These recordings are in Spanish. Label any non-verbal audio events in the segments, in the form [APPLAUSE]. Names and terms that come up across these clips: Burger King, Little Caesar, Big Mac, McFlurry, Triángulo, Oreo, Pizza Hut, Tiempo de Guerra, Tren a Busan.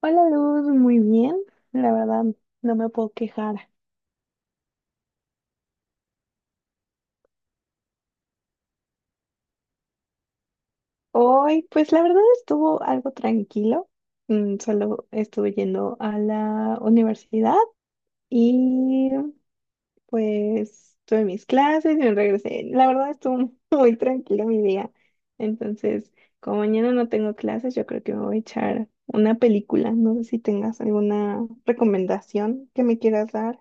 Hola Luz, muy bien. La verdad, no me puedo quejar. Hoy, pues la verdad estuvo algo tranquilo. Solo estuve yendo a la universidad y pues tuve mis clases y me regresé. La verdad estuvo [LAUGHS] muy tranquilo mi día. Entonces, como mañana no tengo clases, yo creo que me voy a echar una película. No sé si tengas alguna recomendación que me quieras dar.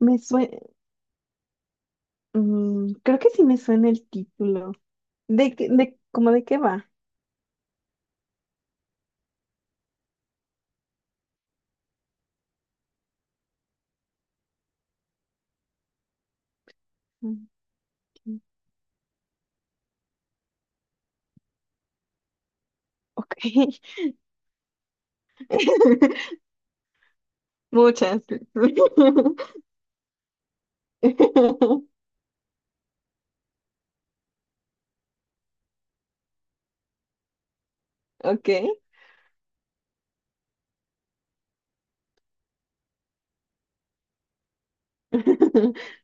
Me suena, creo que sí me suena el título. ¿De qué, cómo de qué va? Ok. [LAUGHS] Muchas. [LAUGHS] Ok. [LAUGHS]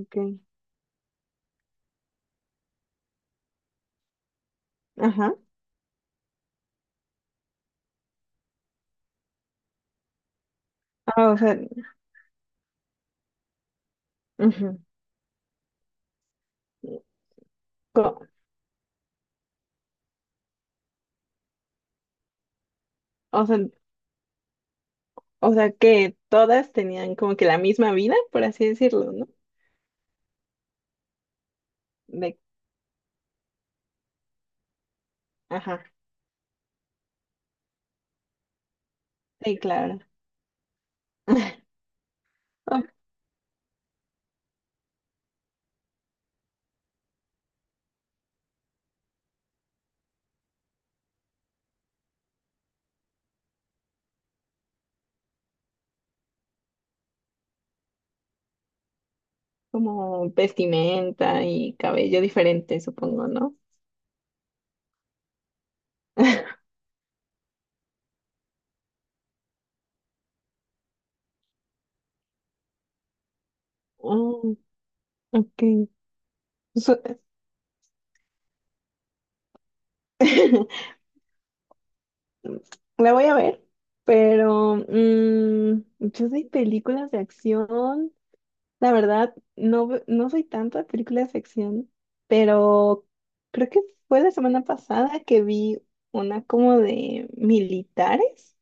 Ok. Ajá. Ah, o sea, ujú. Co- O sea, o sea que todas tenían como que la misma vida, por así decirlo, ¿no? De, ajá. Sí, claro. [LAUGHS] Ah, como vestimenta y cabello diferente, supongo, ¿no? [LAUGHS] Oh, ok. Su- [LAUGHS] La voy a ver, pero yo soy películas de acción. La verdad, no, no soy tanto de películas de acción, pero creo que fue la semana pasada que vi una como de militares,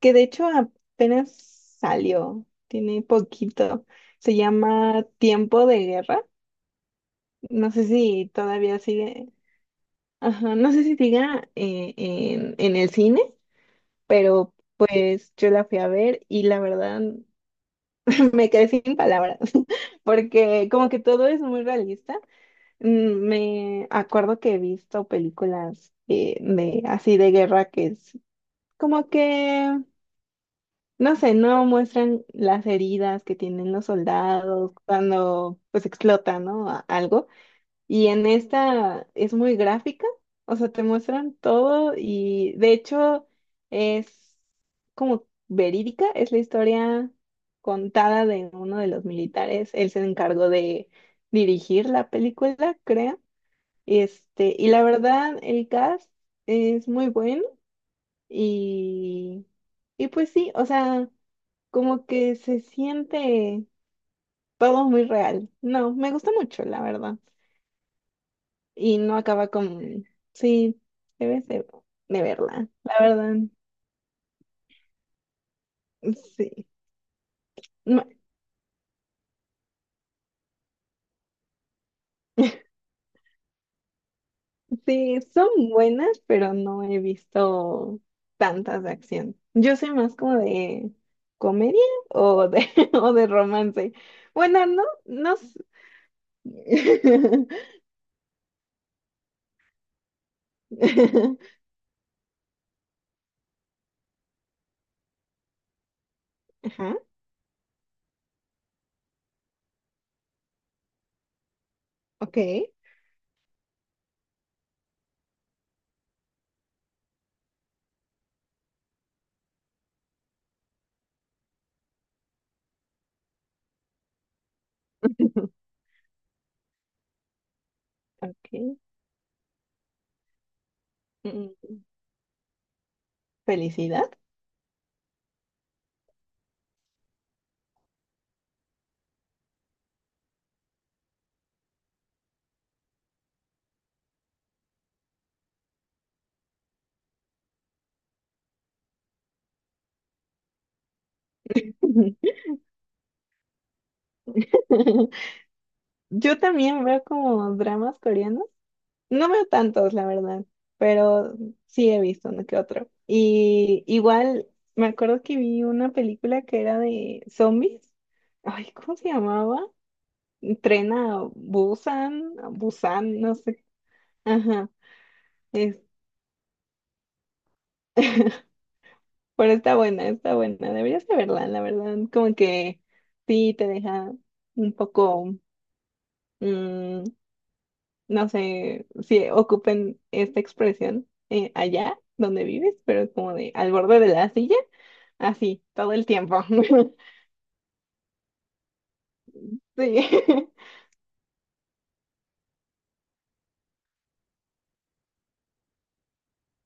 que de hecho apenas salió, tiene poquito. Se llama Tiempo de Guerra. No sé si todavía sigue, ajá, no sé si siga en el cine. Pero pues yo la fui a ver y la verdad [CLEARS THROAT] me quedé sin palabras, [LAUGHS] porque como que todo es muy realista. Me acuerdo que he visto películas de así de guerra que es como que, no sé, no muestran las heridas que tienen los soldados cuando pues explota, ¿no? Algo. Y en esta es muy gráfica, o sea, te muestran todo y de hecho es como verídica, es la historia contada de uno de los militares. Él se encargó de dirigir la película, creo. Este, y la verdad, el cast es muy bueno y, y pues sí, o sea, como que se siente todo muy real. No, me gusta mucho, la verdad. Y no acaba con, sí, debes de verla, la verdad, sí. No- [LAUGHS] sí, son buenas, pero no he visto tantas de acción. Yo soy más como de comedia o de, [LAUGHS] o de romance. Bueno, no, no. s- [LAUGHS] Ajá, ok, ok. Mm, Felicidad. [LAUGHS] Yo también veo como dramas coreanos. No veo tantos, la verdad, pero sí he visto uno que otro. Y igual me acuerdo que vi una película que era de zombies. Ay, ¿cómo se llamaba? Tren a Busan, Busan, no sé. Ajá. es- [LAUGHS] Pero está buena, está buena. Deberías de verla, la verdad. Como que sí te deja un poco, mm, no sé si ocupen esta expresión allá donde vives, pero es como de al borde de la silla. Así, todo el tiempo. [LAUGHS] Sí.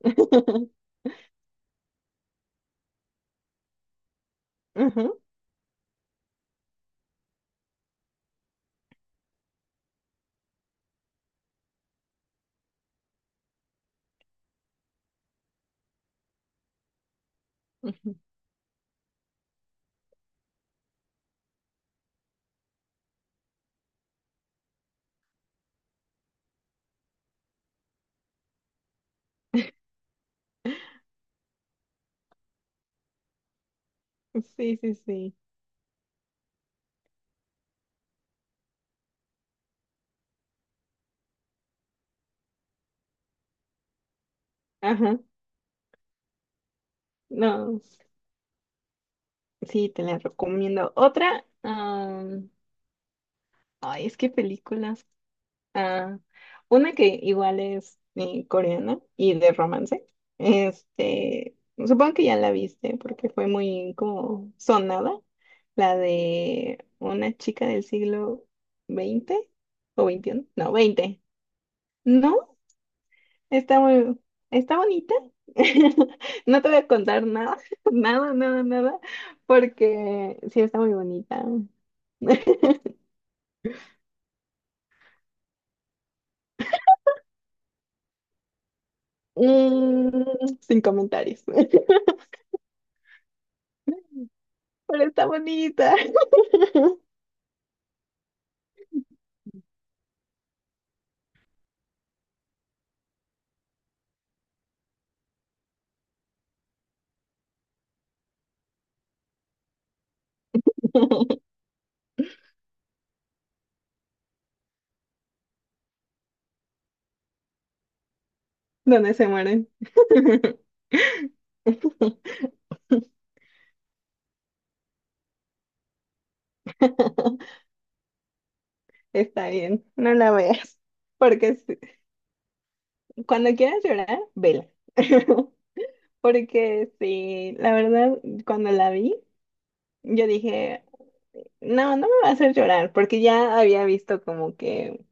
[LAUGHS] Ajá, ujú. Sí, sí, sí. Ajá. No, sí, te la recomiendo. Otra, ay, es que películas. Ah, una que igual es coreana y de romance. Este, supongo que ya la viste porque fue muy como sonada. La de una chica del siglo XX o XXI. No, 20. ¿No? Está muy, está bonita. [LAUGHS] No te voy a contar nada, [LAUGHS] nada, nada, nada, porque sí está muy bonita. [LAUGHS] Sin comentarios. [LAUGHS] Pero está bonita. [LAUGHS] Donde se mueren. [LAUGHS] Está bien, no la veas. Porque sí, cuando quieras llorar, vela. [LAUGHS] Porque sí, la verdad, cuando la vi, yo dije, no, no me va a hacer llorar, porque ya había visto como que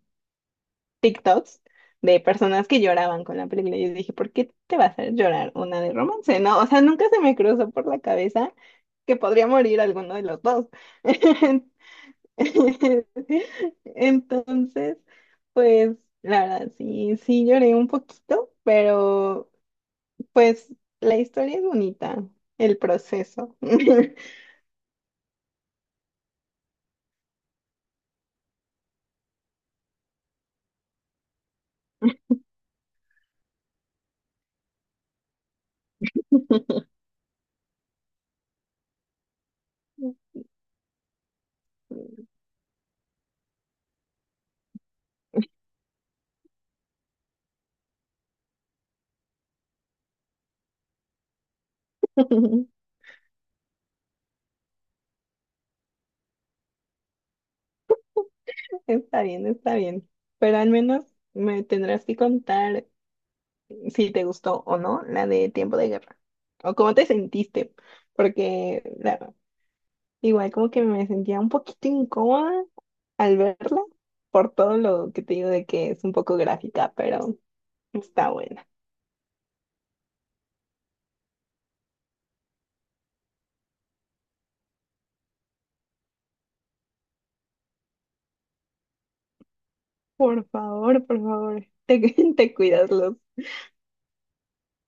TikToks de personas que lloraban con la película. Y yo dije, ¿por qué te va a hacer llorar una de romance? No, o sea, nunca se me cruzó por la cabeza que podría morir alguno de los dos. [LAUGHS] Entonces, pues, la verdad, sí, sí lloré un poquito, pero pues la historia es bonita, el proceso. [LAUGHS] Está bien, está bien. Pero al menos me tendrás que contar si te gustó o no la de Tiempo de Guerra. O cómo te sentiste. Porque igual como que me sentía un poquito incómoda al verla. Por todo lo que te digo de que es un poco gráfica, pero está buena. Por favor, por favor. Te, [LAUGHS] te cuidas, Luz.